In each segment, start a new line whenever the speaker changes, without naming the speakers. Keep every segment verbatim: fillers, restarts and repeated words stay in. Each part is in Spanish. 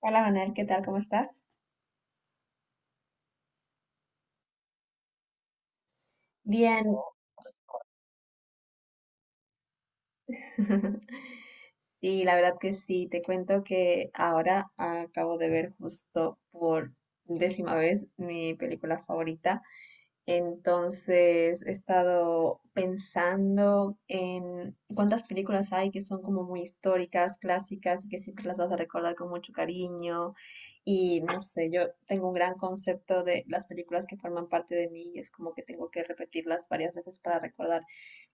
Hola Manuel, ¿qué tal? ¿Cómo estás? Bien. Sí, la verdad que sí. Te cuento que ahora acabo de ver justo por décima vez mi película favorita. Entonces he estado pensando en cuántas películas hay que son como muy históricas, clásicas, y que siempre las vas a recordar con mucho cariño. Y no sé, yo tengo un gran concepto de las películas que forman parte de mí y es como que tengo que repetirlas varias veces para recordar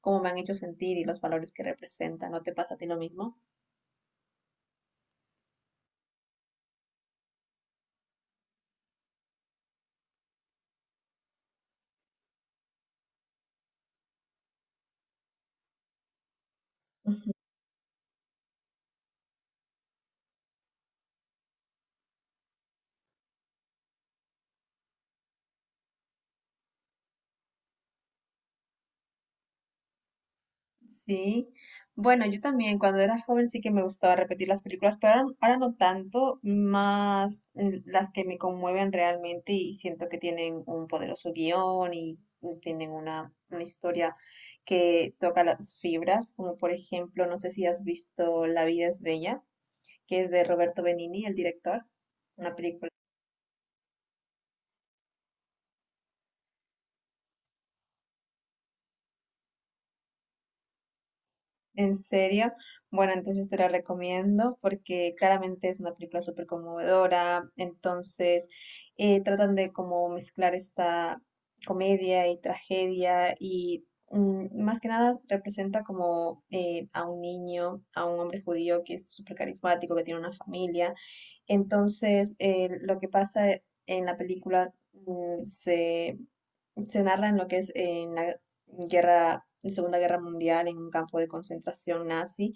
cómo me han hecho sentir y los valores que representan. ¿No te pasa a ti lo mismo? Sí, bueno, yo también cuando era joven sí que me gustaba repetir las películas, pero ahora, ahora no tanto, más mm, las que me conmueven realmente y siento que tienen un poderoso guión y y tienen una, una historia que toca las fibras, como por ejemplo, no sé si has visto La vida es bella, que es de Roberto Benigni, el director, una película. ¿En serio? Bueno, entonces te la recomiendo porque claramente es una película súper conmovedora. Entonces eh, tratan de como mezclar esta comedia y tragedia y, mm, más que nada representa como eh, a un niño, a un hombre judío que es súper carismático, que tiene una familia. Entonces, eh, lo que pasa en la película, mm, se se narra en lo que es en la guerra, en Segunda Guerra Mundial, en un campo de concentración nazi,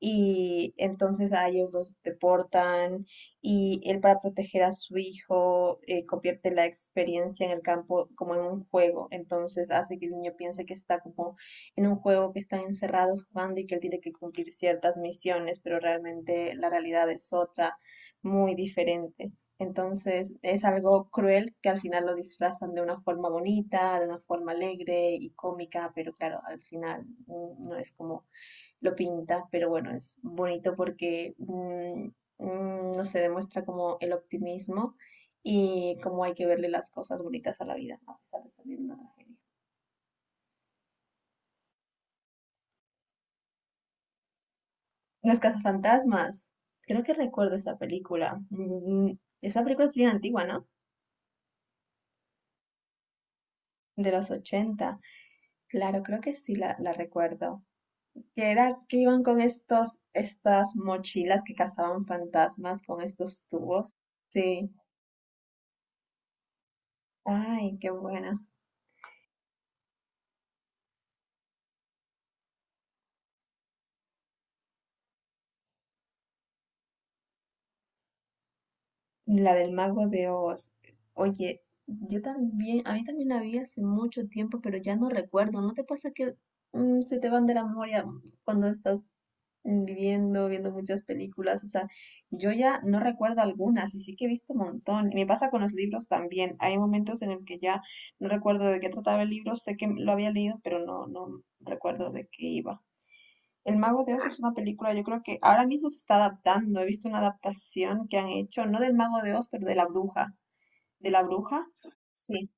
y entonces a ellos los deportan, y él, para proteger a su hijo, eh, convierte la experiencia en el campo como en un juego. Entonces hace que el niño piense que está como en un juego, que están encerrados jugando y que él tiene que cumplir ciertas misiones, pero realmente la realidad es otra, muy diferente. Entonces es algo cruel que al final lo disfrazan de una forma bonita, de una forma alegre y cómica, pero claro, al final, mm, no es como lo pinta, pero bueno, es bonito porque mm, mm, no se demuestra como el optimismo y cómo hay que verle las cosas bonitas a la vida, ¿no?, a pesar de estar viendo una tragedia. Las cazafantasmas, creo que recuerdo esa película. Mm, mm, Esa película es bien antigua, ¿no? De los ochenta. Claro, creo que sí la, la recuerdo. Que era que iban con estos, estas mochilas que cazaban fantasmas con estos tubos. Sí, ay, qué buena. La del Mago de Oz. Oye, yo también, a mí también la vi hace mucho tiempo, pero ya no recuerdo. ¿No te pasa que, mm, se te van de la memoria cuando estás, mm, viviendo, viendo muchas películas? O sea, yo ya no recuerdo algunas y sí que he visto un montón. Y me pasa con los libros también. Hay momentos en el que ya no recuerdo de qué trataba el libro, sé que lo había leído, pero no, no recuerdo de qué iba. El Mago de Oz es una película, yo creo que ahora mismo se está adaptando. He visto una adaptación que han hecho, no del Mago de Oz, pero de la bruja. ¿De la bruja? Sí.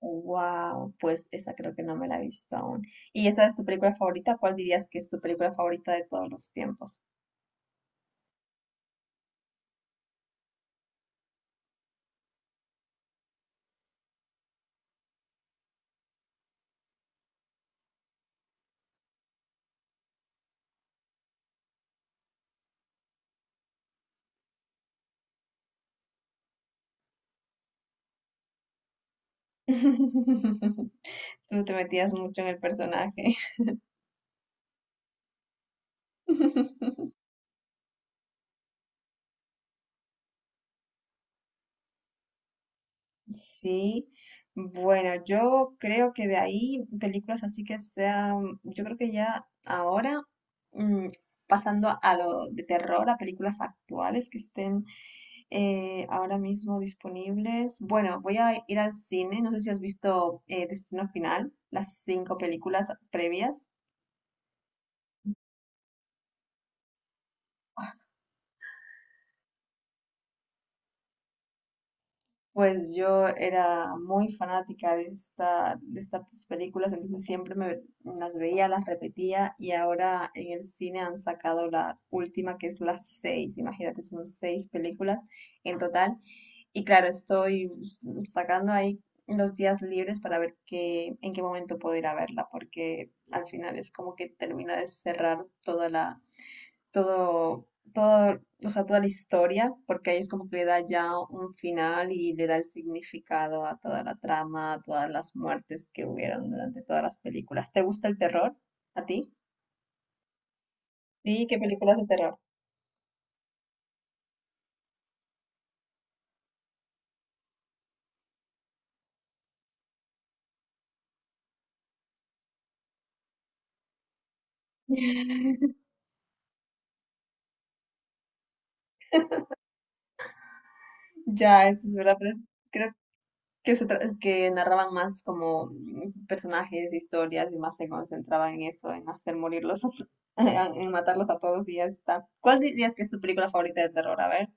Wow, pues esa creo que no me la he visto aún. ¿Y esa es tu película favorita? ¿Cuál dirías que es tu película favorita de todos los tiempos? Tú te metías mucho en el personaje. Sí. Bueno, yo creo que de ahí películas así que sean, yo creo que ya ahora, mm, pasando a lo de terror, a películas actuales que estén eh, ahora mismo disponibles. Bueno, voy a ir al cine. No sé si has visto, eh, Destino Final, las cinco películas previas. Pues yo era muy fanática de esta, de estas películas, entonces siempre me las veía, las repetía, y ahora en el cine han sacado la última, que es las seis. Imagínate, son seis películas en total. Y claro, estoy sacando ahí los días libres para ver qué, en qué momento puedo ir a verla, porque al final es como que termina de cerrar toda la, todo, todo, o sea, toda la historia, porque ahí es como que le da ya un final y le da el significado a toda la trama, a todas las muertes que hubieron durante todas las películas. ¿Te gusta el terror? ¿A ti? Sí, ¿qué películas de terror? Ya, eso es verdad, pero es- creo que, se tra- que narraban más como, mm, personajes, historias, y más se concentraban en eso, en hacer morirlos, a to- en matarlos a todos y ya está. ¿Cuál dirías que es tu película favorita de terror? A ver.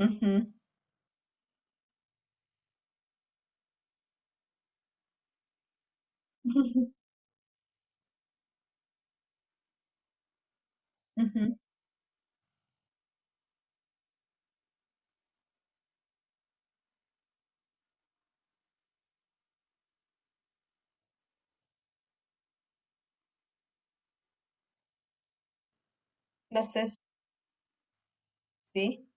Ujú. Ujú. Los es, sí.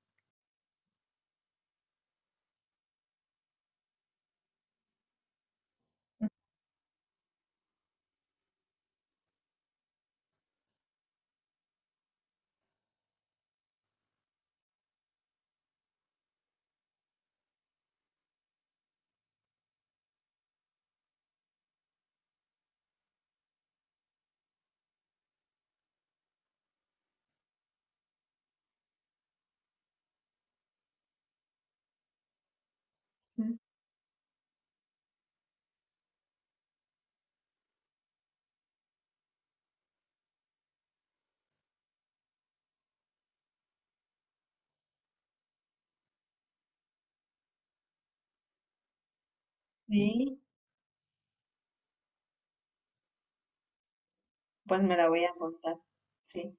Ujú. Sí, pues me la voy a apuntar. Sí,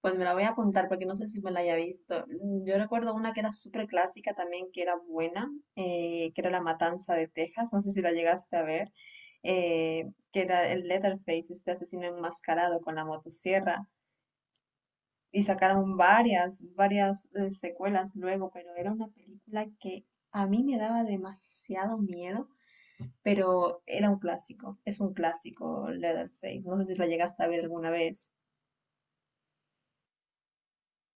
pues me la voy a apuntar porque no sé si me la haya visto. Mm, Yo recuerdo una que era súper clásica también, que era buena, eh, que era La Matanza de Texas. No sé si la llegaste a ver. eh, que era el Leatherface, este asesino enmascarado con la motosierra. Y sacaron varias, varias eh, secuelas luego, pero era una película que a mí me daba demasiado miedo, pero era un clásico, es un clásico Leatherface. No sé si la llegaste a ver alguna vez.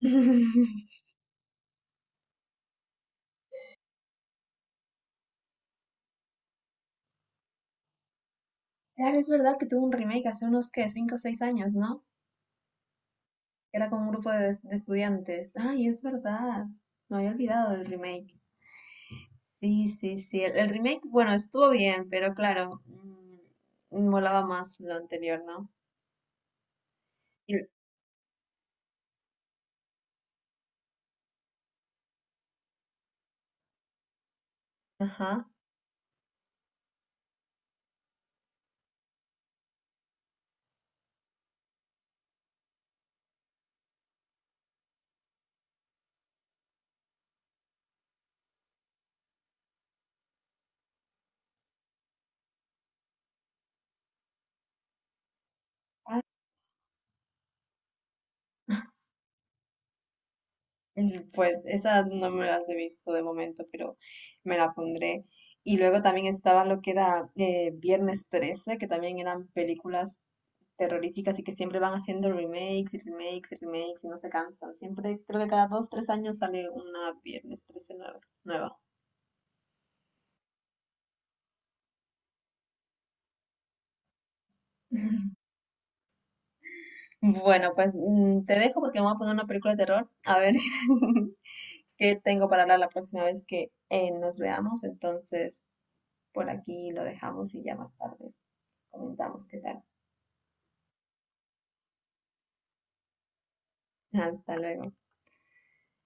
Claro, es verdad que tuvo un remake hace unos, ¿qué?, cinco o seis años, ¿no? Era como un grupo de, de estudiantes. Ay, es verdad. Me había olvidado del remake. Sí, sí, sí. El, el remake, bueno, estuvo bien, pero claro, mm, molaba más lo anterior, ¿no? Y- Ajá. Mm, pues esas no me las he visto de momento, pero me la pondré. Y luego también estaba lo que era, eh, Viernes trece, que también eran películas terroríficas y que siempre van haciendo remakes y remakes y remakes y no se cansan. Siempre, creo que cada dos, tres años sale una Viernes trece nueva. Nueva. Bueno, pues mm, te dejo porque me voy a poner una película de terror. A ver qué tengo para hablar la próxima vez que, eh, nos veamos. Entonces, por aquí lo dejamos y ya más tarde comentamos qué tal. Hasta luego.